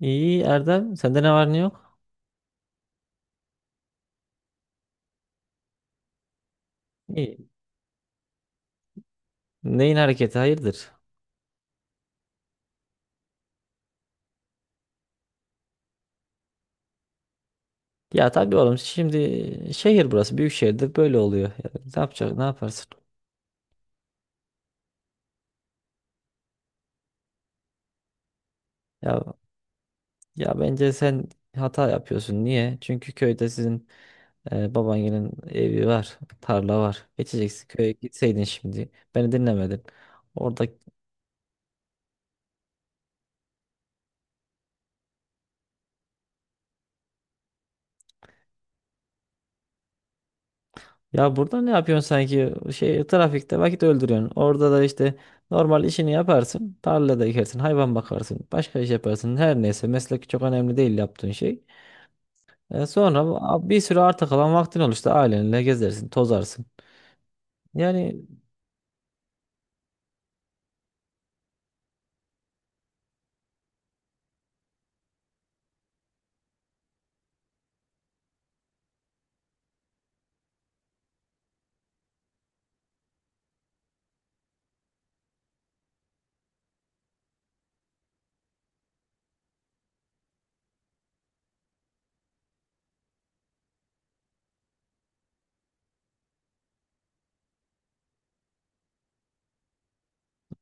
İyi Erdem, sende ne var ne yok? İyi. Neyin hareketi hayırdır? Ya tabii oğlum şimdi şehir burası büyük şehirde böyle oluyor. Ya, ne yapacak ne yaparsın? Ya ya bence sen hata yapıyorsun. Niye? Çünkü köyde sizin babaannenin evi var, tarla var. Geçeceksin köye gitseydin şimdi. Beni dinlemedin. Orada. Ya burada ne yapıyorsun sanki? Şey trafikte vakit öldürüyorsun. Orada da işte normal işini yaparsın. Tarlada ekersin, hayvan bakarsın, başka iş yaparsın. Her neyse meslek çok önemli değil yaptığın şey. Sonra bir sürü arta kalan vaktin olur işte ailenle gezersin, tozarsın. Yani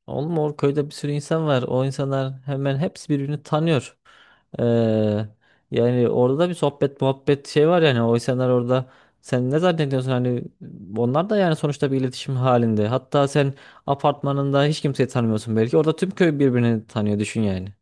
oğlum o köyde bir sürü insan var. O insanlar hemen hepsi birbirini tanıyor. Ee, Yani orada da bir sohbet muhabbet şey var yani. O insanlar orada sen ne zannediyorsun hani onlar da yani sonuçta bir iletişim halinde. Hatta sen apartmanında hiç kimseyi tanımıyorsun belki. Orada tüm köy birbirini tanıyor düşün yani.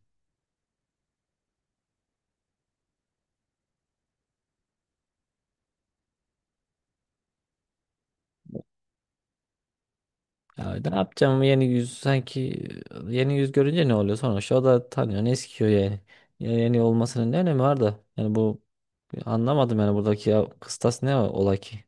Ya ne yapacağım yeni yüz sanki yeni yüz görünce ne oluyor sonuçta o da tanıyor ne eskiyor yani. Ya yeni olmasının ne önemi var da yani bu anlamadım yani buradaki ya, kıstas ne ola ki?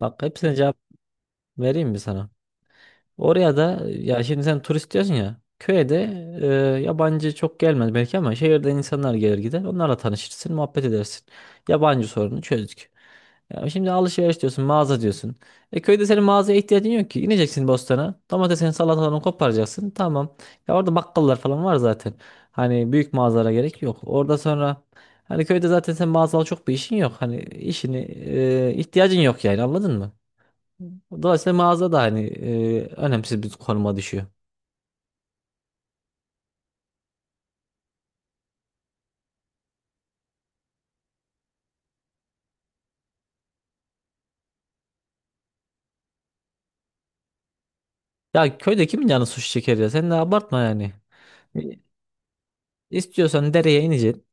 Bak hepsine cevap vereyim mi sana? Oraya da ya şimdi sen turist diyorsun ya. Köye de yabancı çok gelmez belki ama şehirden insanlar gelir gider. Onlarla tanışırsın, muhabbet edersin. Yabancı sorunu çözdük. Ya şimdi alışveriş diyorsun, mağaza diyorsun. E köyde senin mağazaya ihtiyacın yok ki. İneceksin bostana. Domatesini, salatalarını koparacaksın. Tamam. Ya orada bakkallar falan var zaten. Hani büyük mağazalara gerek yok. Orada sonra hani köyde zaten sen mağazal çok bir işin yok. Hani işini ihtiyacın yok yani anladın mı? Dolayısıyla mağaza da hani önemsiz bir konuma düşüyor. Ya köyde kimin canı sushi çeker ya? Sen de abartma yani. E, İstiyorsan dereye ineceksin.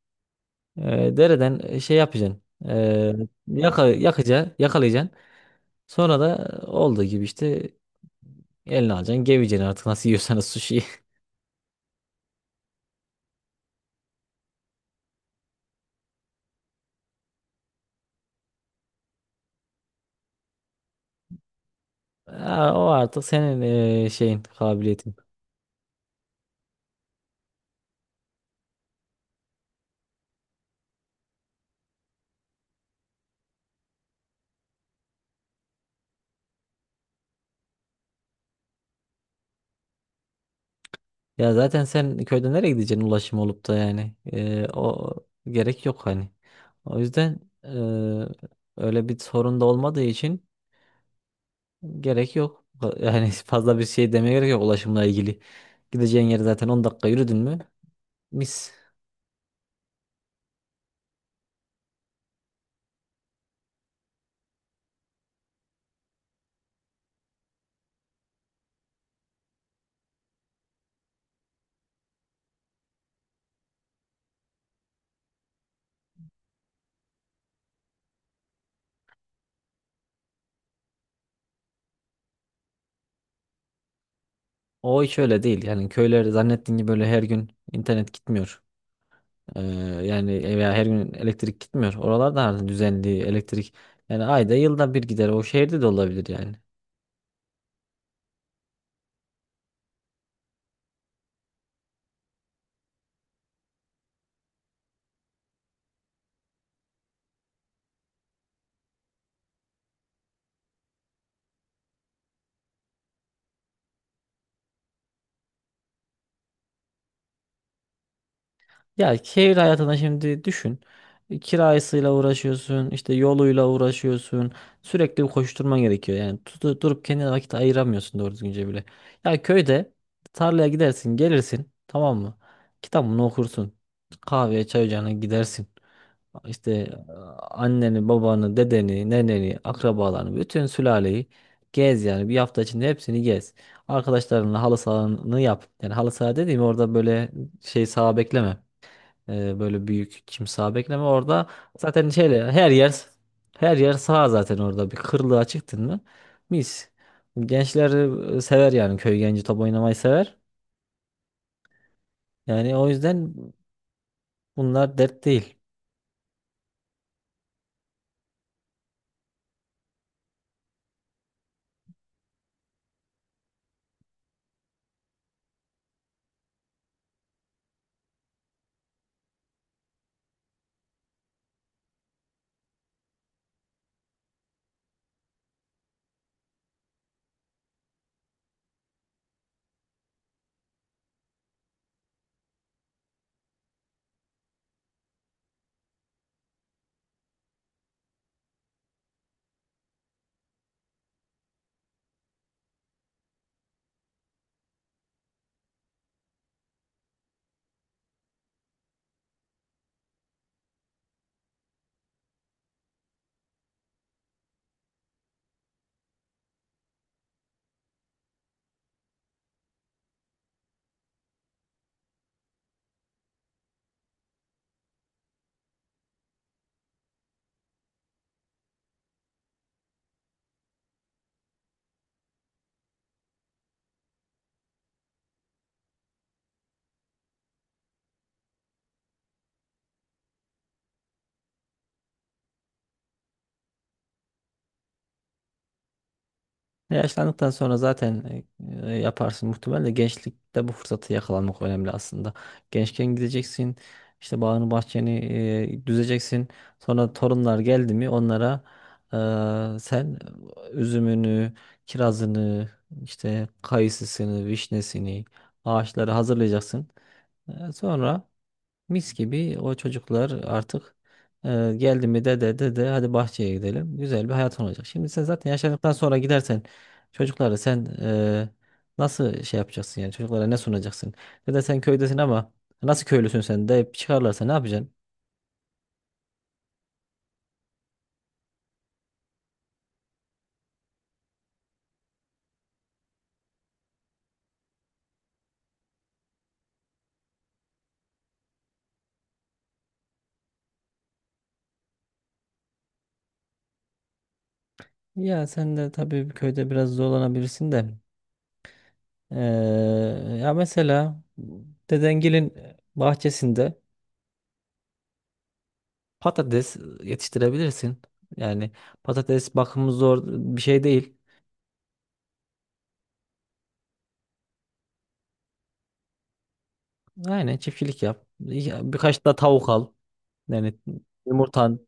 Dereden şey yapacaksın. E, Yakalayacaksın. Sonra da olduğu gibi işte eline alacaksın. Geveceksin artık nasıl yiyorsanız sushi'yi. Ha, o artık senin şeyin, kabiliyetin. Ya zaten sen köyde nereye gideceksin ulaşım olup da yani. O gerek yok hani. O yüzden öyle bir sorun da olmadığı için gerek yok. Yani fazla bir şey demeye gerek yok ulaşımla ilgili. Gideceğin yer zaten 10 dakika yürüdün mü? Mis. O hiç öyle değil. Yani köyler zannettiğin gibi böyle her gün internet gitmiyor. Ee, Yani veya her gün elektrik gitmiyor. Oralarda artık düzenli elektrik. Yani ayda yılda bir gider. O şehirde de olabilir yani. Ya şehir hayatına şimdi düşün. Kirasıyla uğraşıyorsun, işte yoluyla uğraşıyorsun. Sürekli bir koşturman gerekiyor. Yani durup kendine vakit ayıramıyorsun doğru düzgünce bile. Ya köyde tarlaya gidersin, gelirsin, tamam mı? Kitabını okursun. Kahveye, çay ocağına gidersin. İşte anneni, babanı, dedeni, neneni, akrabalarını, bütün sülaleyi gez yani. Bir hafta içinde hepsini gez. Arkadaşlarınla halı sahanı yap. Yani halı saha dediğim orada böyle şey saha bekleme. Böyle büyük kimsa bekleme orada. Zaten şeyle her yer her yer sağ zaten orada. Bir kırlığa çıktın mı? Mis. Gençler sever yani köy genci top oynamayı sever. Yani o yüzden bunlar dert değil. Yaşlandıktan sonra zaten yaparsın muhtemelen de gençlikte bu fırsatı yakalamak önemli aslında. Gençken gideceksin işte bağını bahçeni düzeceksin. Sonra torunlar geldi mi onlara sen üzümünü, kirazını, işte kayısısını, vişnesini, ağaçları hazırlayacaksın. Sonra mis gibi o çocuklar artık geldi mi dede dede hadi bahçeye gidelim. Güzel bir hayat olacak. Şimdi sen zaten yaşlandıktan sonra gidersen çocuklara sen nasıl şey yapacaksın yani çocuklara ne sunacaksın? Dede sen köydesin ama nasıl köylüsün sen deyip çıkarlarsa ne yapacaksın? Ya sen de tabii köyde biraz zorlanabilirsin de. E, Ya mesela dedengilin bahçesinde patates yetiştirebilirsin. Yani patates bakımı zor bir şey değil. Aynen çiftçilik yap. Birkaç da tavuk al. Yani yumurtan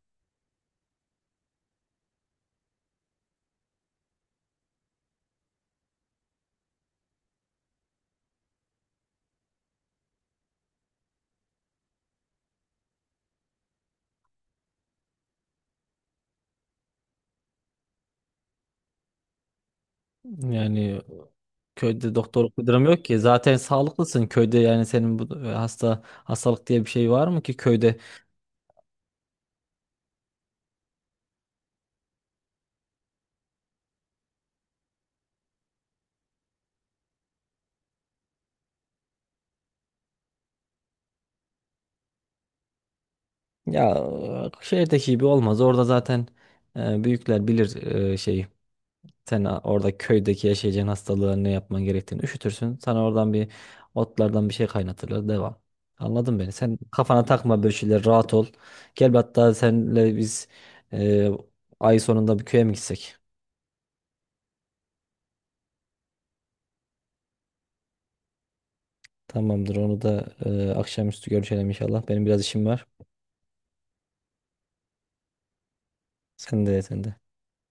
yani köyde doktorluk bir durum yok ki. Zaten sağlıklısın köyde yani senin bu hasta hastalık diye bir şey var mı ki köyde? Ya şehirdeki gibi olmaz. Orada zaten büyükler bilir şeyi. Sen orada köydeki yaşayacağın hastalığın ne yapman gerektiğini üşütürsün. Sana oradan bir otlardan bir şey kaynatırlar. Devam. Anladın beni. Sen kafana takma böyle şeyler. Rahat ol. Gel bir hatta senle biz e, ay sonunda bir köye mi gitsek? Tamamdır. Onu da akşamüstü görüşelim inşallah. Benim biraz işim var. Sen de sen de.